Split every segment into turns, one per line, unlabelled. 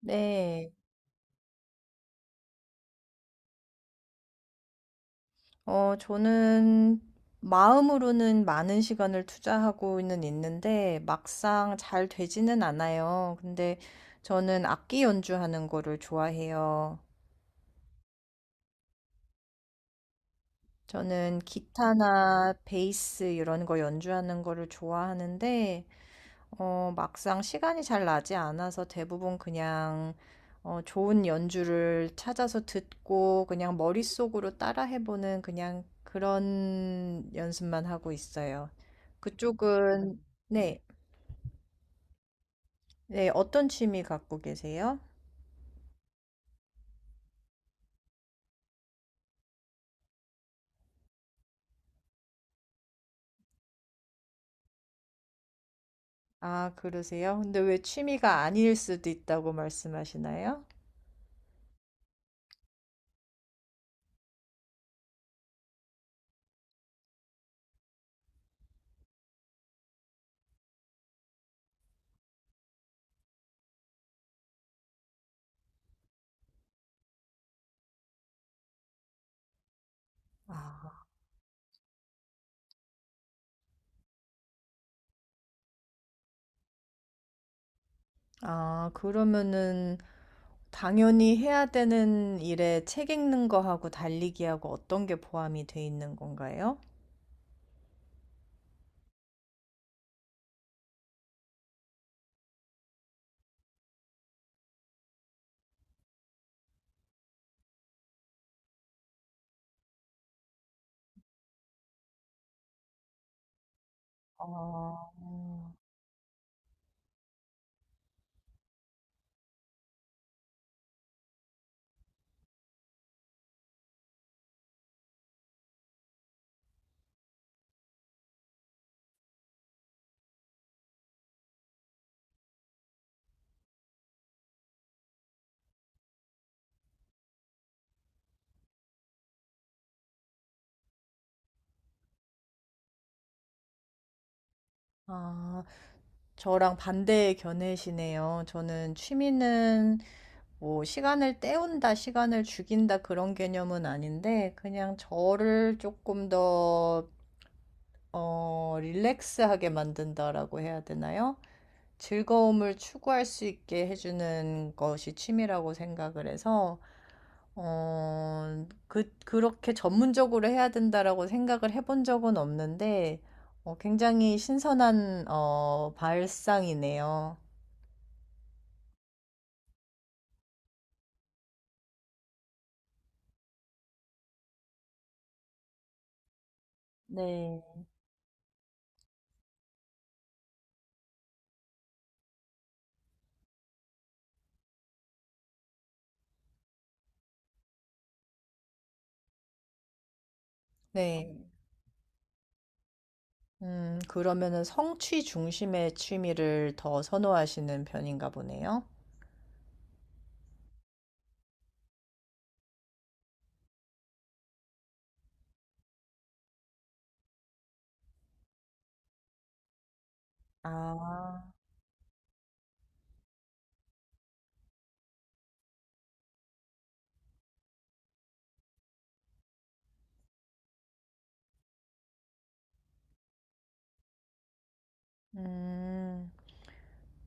네, 저는 마음으로는 많은 시간을 투자하고는 있는데 막상 잘 되지는 않아요. 근데 저는 악기 연주하는 거를 좋아해요. 저는 기타나 베이스 이런 거 연주하는 거를 좋아하는데 막상 시간이 잘 나지 않아서 대부분 그냥 좋은 연주를 찾아서 듣고 그냥 머릿속으로 따라해보는 그냥 그런 연습만 하고 있어요. 그쪽은, 네, 네, 어떤 취미 갖고 계세요? 아, 그러세요? 근데 왜 취미가 아닐 수도 있다고 말씀하시나요? 아, 그러면은 당연히 해야 되는 일에 책 읽는 거하고 달리기하고 어떤 게 포함이 돼 있는 건가요? 아, 아, 저랑 반대의 견해시네요. 저는 취미는 뭐 시간을 때운다, 시간을 죽인다 그런 개념은 아닌데 그냥 저를 조금 더 릴렉스하게 만든다라고 해야 되나요? 즐거움을 추구할 수 있게 해주는 것이 취미라고 생각을 해서 그렇게 전문적으로 해야 된다라고 생각을 해본 적은 없는데, 굉장히 신선한, 발상이네요. 네. 네. 음. 그러면은 성취 중심의 취미를 더 선호하시는 편인가 보네요. 아, 음.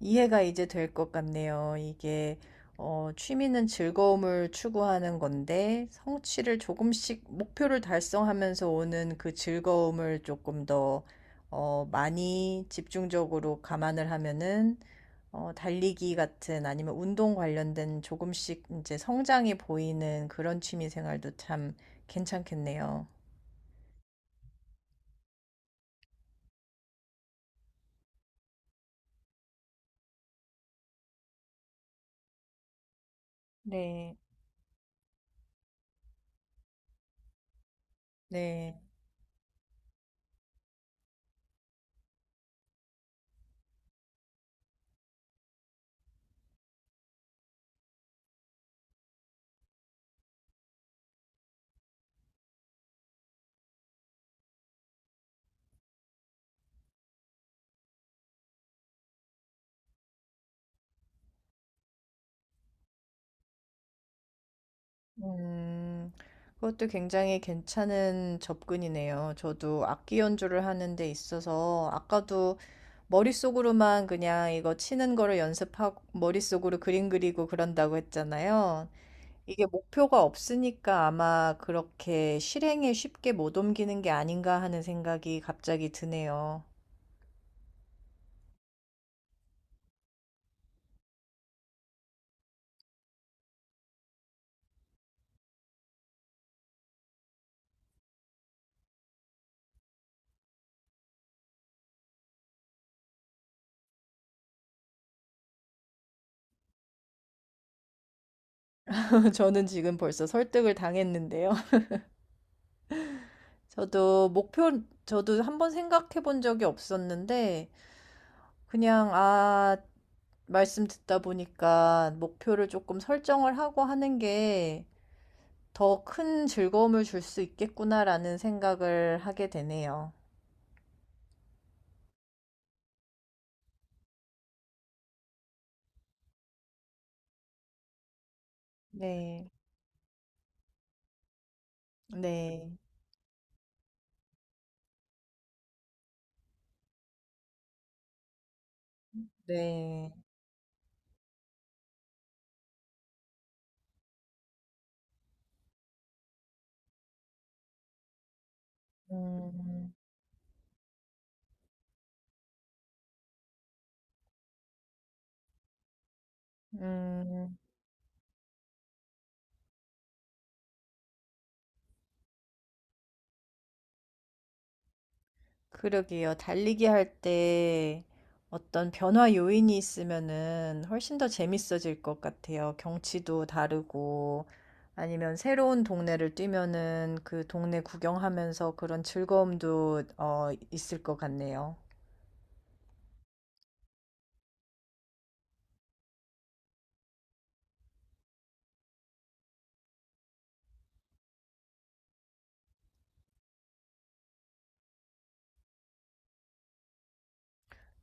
이해가 이제 될 것 같네요. 이게 취미는 즐거움을 추구하는 건데 성취를 조금씩 목표를 달성하면서 오는 그 즐거움을 조금 더 많이 집중적으로 감안을 하면은 달리기 같은 아니면 운동 관련된 조금씩 이제 성장이 보이는 그런 취미 생활도 참 괜찮겠네요. 네. 네. 음, 그것도 굉장히 괜찮은 접근이네요. 저도 악기 연주를 하는 데 있어서 아까도 머릿속으로만 그냥 이거 치는 거를 연습하고 머릿속으로 그림 그리고 그런다고 했잖아요. 이게 목표가 없으니까 아마 그렇게 실행에 쉽게 못 옮기는 게 아닌가 하는 생각이 갑자기 드네요. 저는 지금 벌써 설득을 당했는데요. 저도 목표, 저도 한번 생각해 본 적이 없었는데 그냥, 아, 말씀 듣다 보니까 목표를 조금 설정을 하고 하는 게 더 큰 즐거움을 줄 수 있겠구나라는 생각을 하게 되네요. 네, 네, 네. 음, 음. 그러게요. 달리기 할 때 어떤 변화 요인이 있으면은 훨씬 더 재밌어질 것 같아요. 경치도 다르고 아니면 새로운 동네를 뛰면은 그 동네 구경하면서 그런 즐거움도 있을 것 같네요.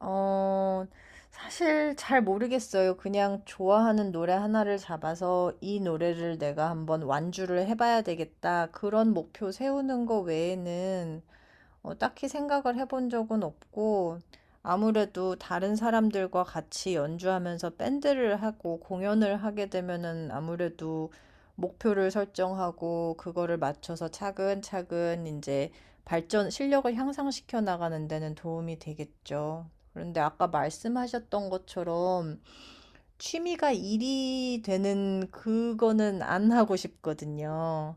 어, 사실 잘 모르겠어요. 그냥 좋아하는 노래 하나를 잡아서 이 노래를 내가 한번 완주를 해봐야 되겠다. 그런 목표 세우는 거 외에는 딱히 생각을 해본 적은 없고, 아무래도 다른 사람들과 같이 연주하면서 밴드를 하고 공연을 하게 되면은 아무래도 목표를 설정하고 그거를 맞춰서 차근차근 이제 발전, 실력을 향상시켜 나가는 데는 도움이 되겠죠. 그런데 아까 말씀하셨던 것처럼 취미가 일이 되는 그거는 안 하고 싶거든요.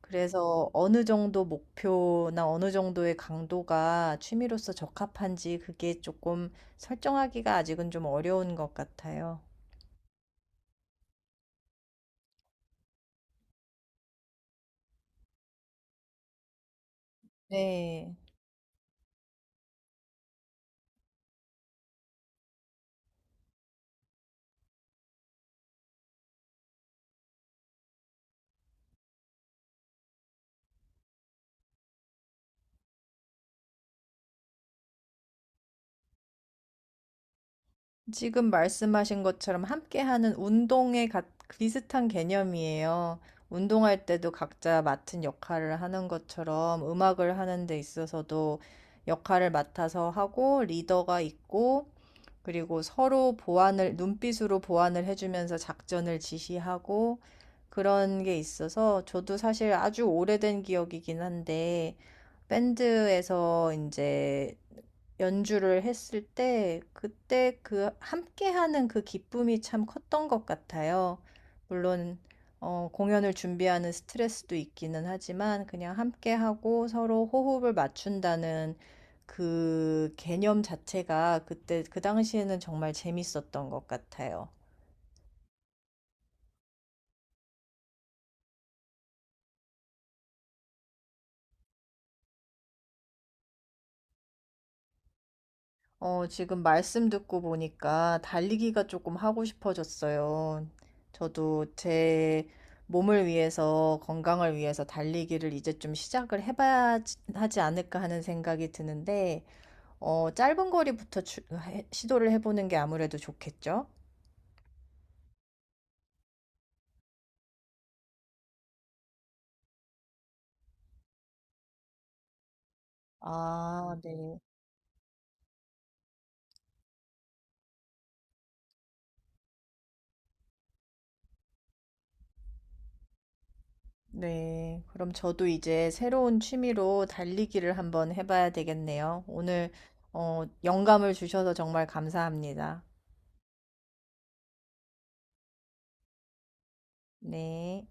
그래서 어느 정도 목표나 어느 정도의 강도가 취미로서 적합한지 그게 조금 설정하기가 아직은 좀 어려운 것 같아요. 네. 지금 말씀하신 것처럼 함께하는 운동에 비슷한 개념이에요. 운동할 때도 각자 맡은 역할을 하는 것처럼 음악을 하는 데 있어서도 역할을 맡아서 하고 리더가 있고 그리고 서로 보완을, 눈빛으로 보완을 해주면서 작전을 지시하고 그런 게 있어서 저도 사실 아주 오래된 기억이긴 한데 밴드에서 이제 연주를 했을 때 그때 그 함께하는 그 기쁨이 참 컸던 것 같아요. 물론 공연을 준비하는 스트레스도 있기는 하지만 그냥 함께하고 서로 호흡을 맞춘다는 그 개념 자체가 그때 그 당시에는 정말 재밌었던 것 같아요. 지금 말씀 듣고 보니까 달리기가 조금 하고 싶어졌어요. 저도 제 몸을 위해서, 건강을 위해서 달리기를 이제 좀 하지 않을까 하는 생각이 드는데, 짧은 거리부터 시도를 해보는 게 아무래도 좋겠죠? 아, 네. 네, 그럼 저도 이제 새로운 취미로 달리기를 한번 해봐야 되겠네요. 오늘, 영감을 주셔서 정말 감사합니다. 네.